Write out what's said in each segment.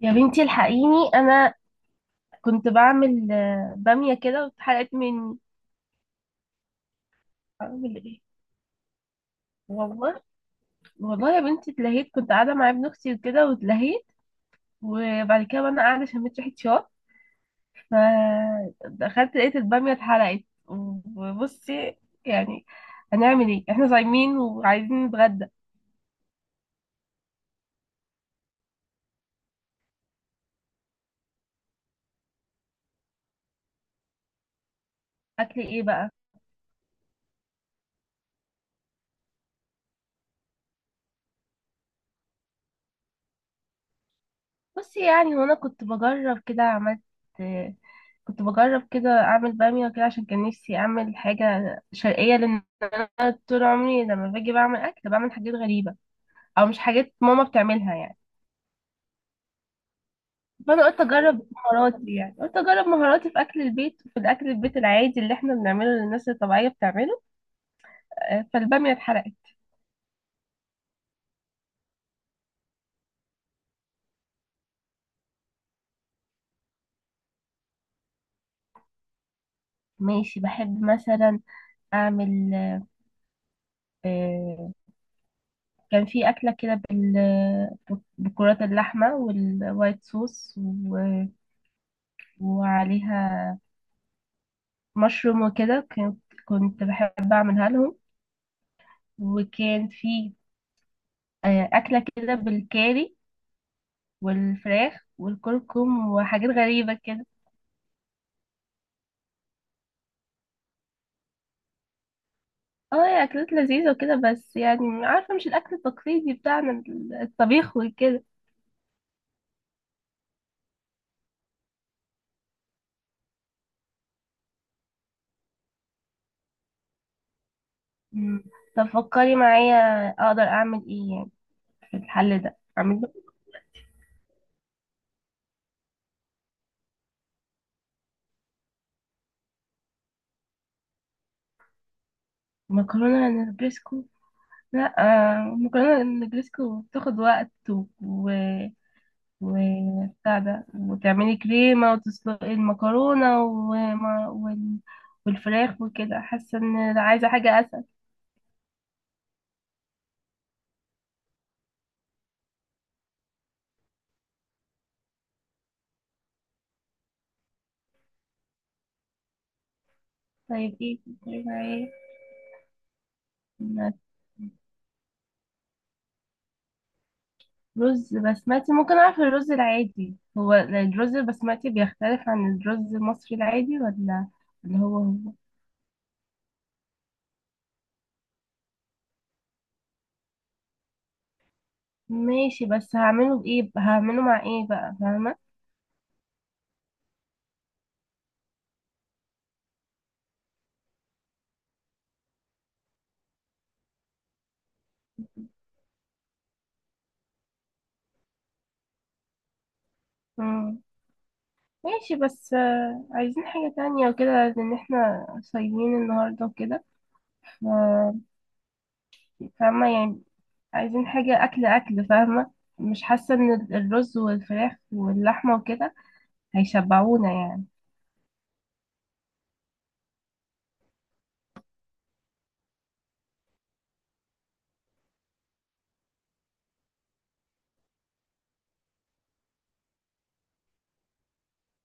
يا بنتي الحقيني انا كنت بعمل باميه كده واتحرقت مني. اعمل ايه؟ والله، والله يا بنتي اتلهيت، كنت قاعده مع ابن اختي وكده واتلهيت. وبعد كده وانا قاعده شميت ريحه شوك، فدخلت لقيت الباميه اتحرقت. وبصي، يعني هنعمل ايه؟ احنا صايمين وعايزين نتغدى. اكل ايه بقى؟ بصي، يعني وانا كنت بجرب كده اعمل باميه كده عشان كان نفسي اعمل حاجه شرقيه، لان انا طول عمري لما باجي بعمل اكل بعمل حاجات غريبه، او مش حاجات ماما بتعملها يعني. فانا قلت اجرب مهاراتي، يعني قلت اجرب مهاراتي في اكل البيت وفي الاكل البيت العادي اللي احنا بنعمله اللي الناس الطبيعيه بتعمله. فالباميه اتحرقت. ماشي، بحب مثلا اعمل. آه، كان في اكله كده بكرات اللحمه والوايت صوص وعليها مشروم وكده، كنت بحب اعملها لهم. وكان في اكله كده بالكاري والفراخ والكركم وحاجات غريبه كده. اه، هي اكلات لذيذه وكده، بس يعني عارفه مش الاكل التقليدي بتاعنا، الطبيخ وكده. مم. طب فكري معايا اقدر اعمل ايه يعني في الحل ده، اعمل له مكرونه نجريسكو؟ لا، مكرونه نجريسكو بتاخد وقت و... وبتاع ده، وتعملي كريمة وتسلقي المكرونة والفراخ وكده، حاسة ان عايزة حاجة أسهل. طيب ايه في الكريمة ايه؟ رز بسمتي. ممكن أعرف الرز العادي هو الرز البسمتي بيختلف عن الرز المصري العادي ولا اللي هو هو؟ ماشي، بس هعمله بإيه؟ هعمله مع ايه بقى؟ فاهمة؟ مم. ماشي، بس عايزين حاجة تانية وكده لأن احنا صايمين النهاردة وكده، فاهمة يعني؟ عايزين حاجة أكل أكل، فاهمة؟ مش حاسة إن الرز والفراخ واللحمة وكده هيشبعونا يعني.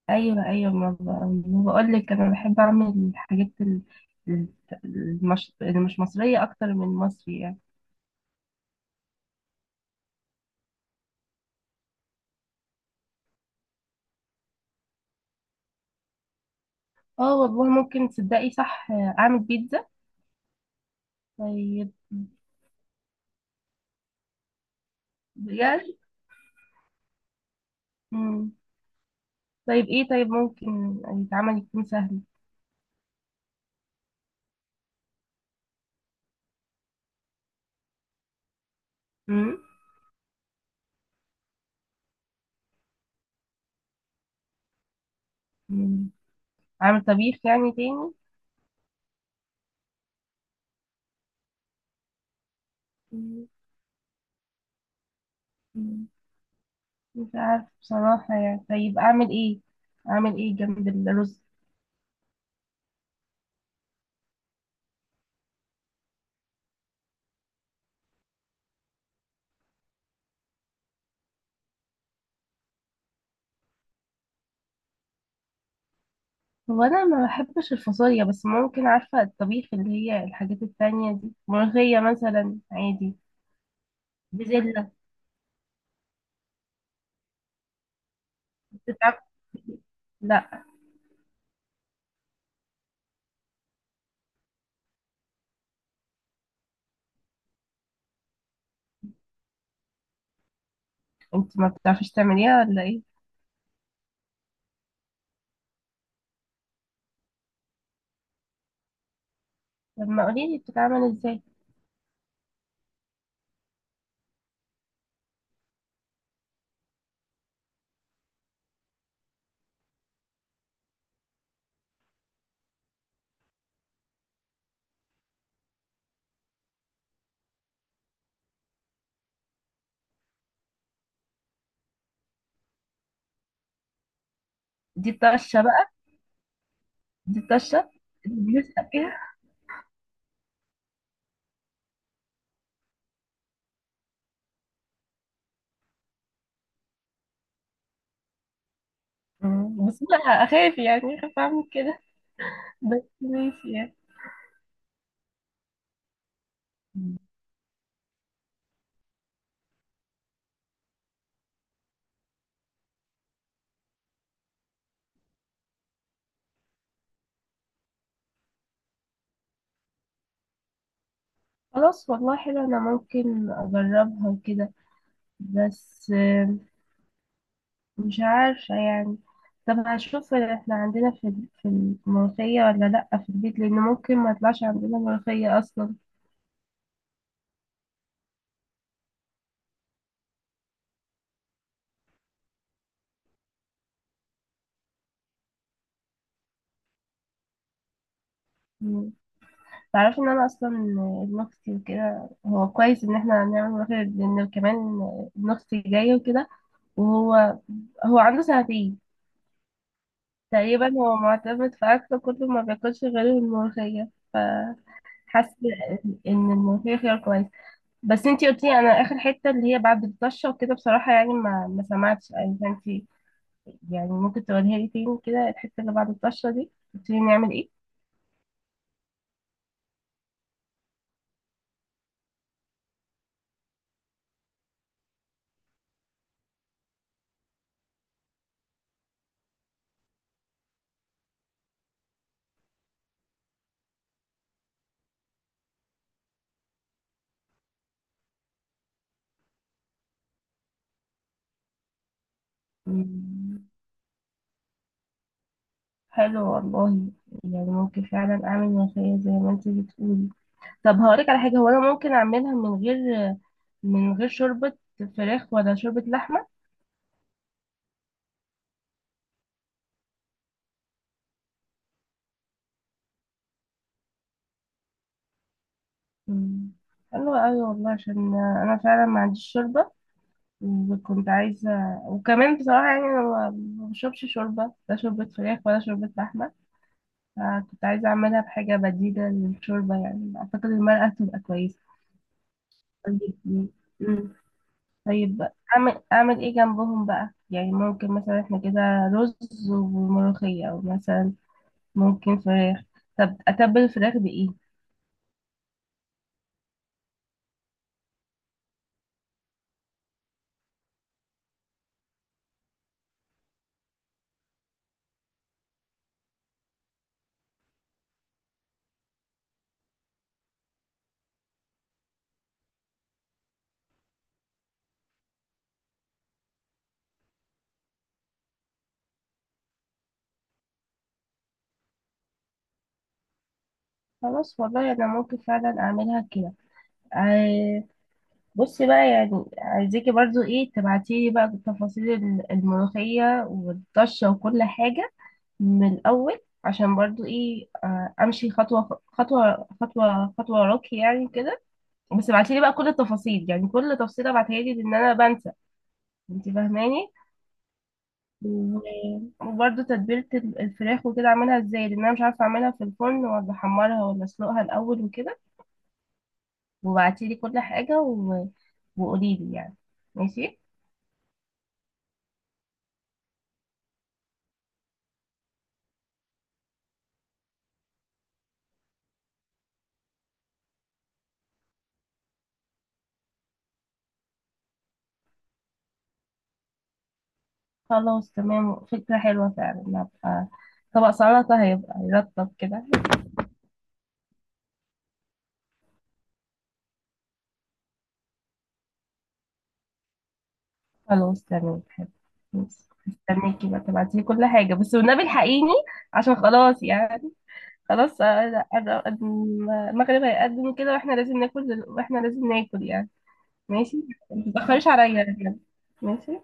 أيوة، أيوة، ما بقولك، أنا بحب أعمل الحاجات ال- اللي مش مصرية أكتر من مصري يعني. اه والله، ممكن تصدقي؟ صح، أعمل بيتزا. طيب. بجد؟ مم. طيب إيه؟ طيب ممكن يتعمل يكون سهل؟ مم. مم. أعمل طبيخ يعني تاني؟ مم. مش عارف بصراحة يعني. طيب أعمل إيه؟ أعمل إيه جنب الرز؟ هو أنا ما بحبش الفاصوليا، بس ممكن، عارفة الطبيخ اللي هي الحاجات التانية دي، ملوخية مثلا عادي. بزلة. بتتعب- لا. أنت ما بتعرفيش تعمليها ولا إيه؟ طب ما قوليلي بتتعمل إزاي؟ دي الطشة بقى؟ دي الطشة اللي بنسقى فيها. مم. بس أنا أخاف، يعني أخاف أعمل كده، بس ماشي يعني. خلاص، والله حلو، أنا ممكن أجربها وكده، بس مش عارفة يعني. طب هشوف احنا عندنا في في الملوخية ولا لأ في البيت، لأن ممكن ما يطلعش عندنا ملوخية أصلا. مم. تعرفي إن أنا أصلا ابن أختي وكده، هو كويس إن احنا هنعمل ملوخية لأن كمان ابن أختي جاي وكده. وهو عنده سنتين تقريبا، هو معتمد في أكله كله، ما بياكلش غير الملوخية، فحاسة إن الملوخية خيار كويس. بس انتي قلتي، انا اخر حته اللي هي بعد الطشه وكده بصراحه يعني ما سمعتش يعني. فانتي يعني ممكن تقولها لي تاني كده، الحتة اللي بعد الطشة دي، قلت لي نعمل ايه؟ مم. حلو والله، يعني ممكن فعلا اعمل ملوخية زي ما انت بتقولي. طب هقولك على حاجة، هو انا ممكن اعملها من غير شوربة فراخ ولا شوربة لحمة؟ مم. حلو قوي والله، عشان انا فعلا ما عنديش شوربة وكنت عايزة. وكمان بصراحة يعني انا ما بشربش شوربة، لا شوربة فراخ ولا شوربة لحمة، فكنت عايزة اعملها بحاجة بديلة للشوربة. يعني اعتقد المرقة تبقى كويسة. طيب. مم. طيب بقى، اعمل ايه جنبهم بقى؟ يعني ممكن مثلا احنا كده رز وملوخية، او مثلا ممكن فراخ. طب اتبل الفراخ بايه؟ خلاص والله، انا ممكن فعلا اعملها كده. ع- بصي بقى، يعني عايزاكي برضو ايه تبعتيلي بقى تفاصيل الملوخية والطشة وكل حاجة من الاول، عشان برضو ايه امشي خطوة خطوة خطوة خطوة وراكي يعني كده. بس ابعتي لي بقى كل التفاصيل، يعني كل تفصيلة ابعتها لي، لان انا بنسى، انت فاهماني. وبرده تتبيلة الفراخ وكده اعملها ازاي، لان انا مش عارفة اعملها في الفرن ولا احمرها ولا اسلقها الاول وكده. وابعتي لي كل حاجة وقولي لي يعني. ماشي. خلاص تمام، فكرة حلوة فعلا. هبقى طبق سلطة، هيبقى يرطب كده. خلاص تمام حلو. ماشي، استنيكي بقى تبعتي لي كل حاجة بس، والنبي الحقيني، عشان خلاص يعني، خلاص. المغرب هيقدم كده، واحنا لازم ناكل يعني. ماشي، متتأخريش عليا يعني. ماشي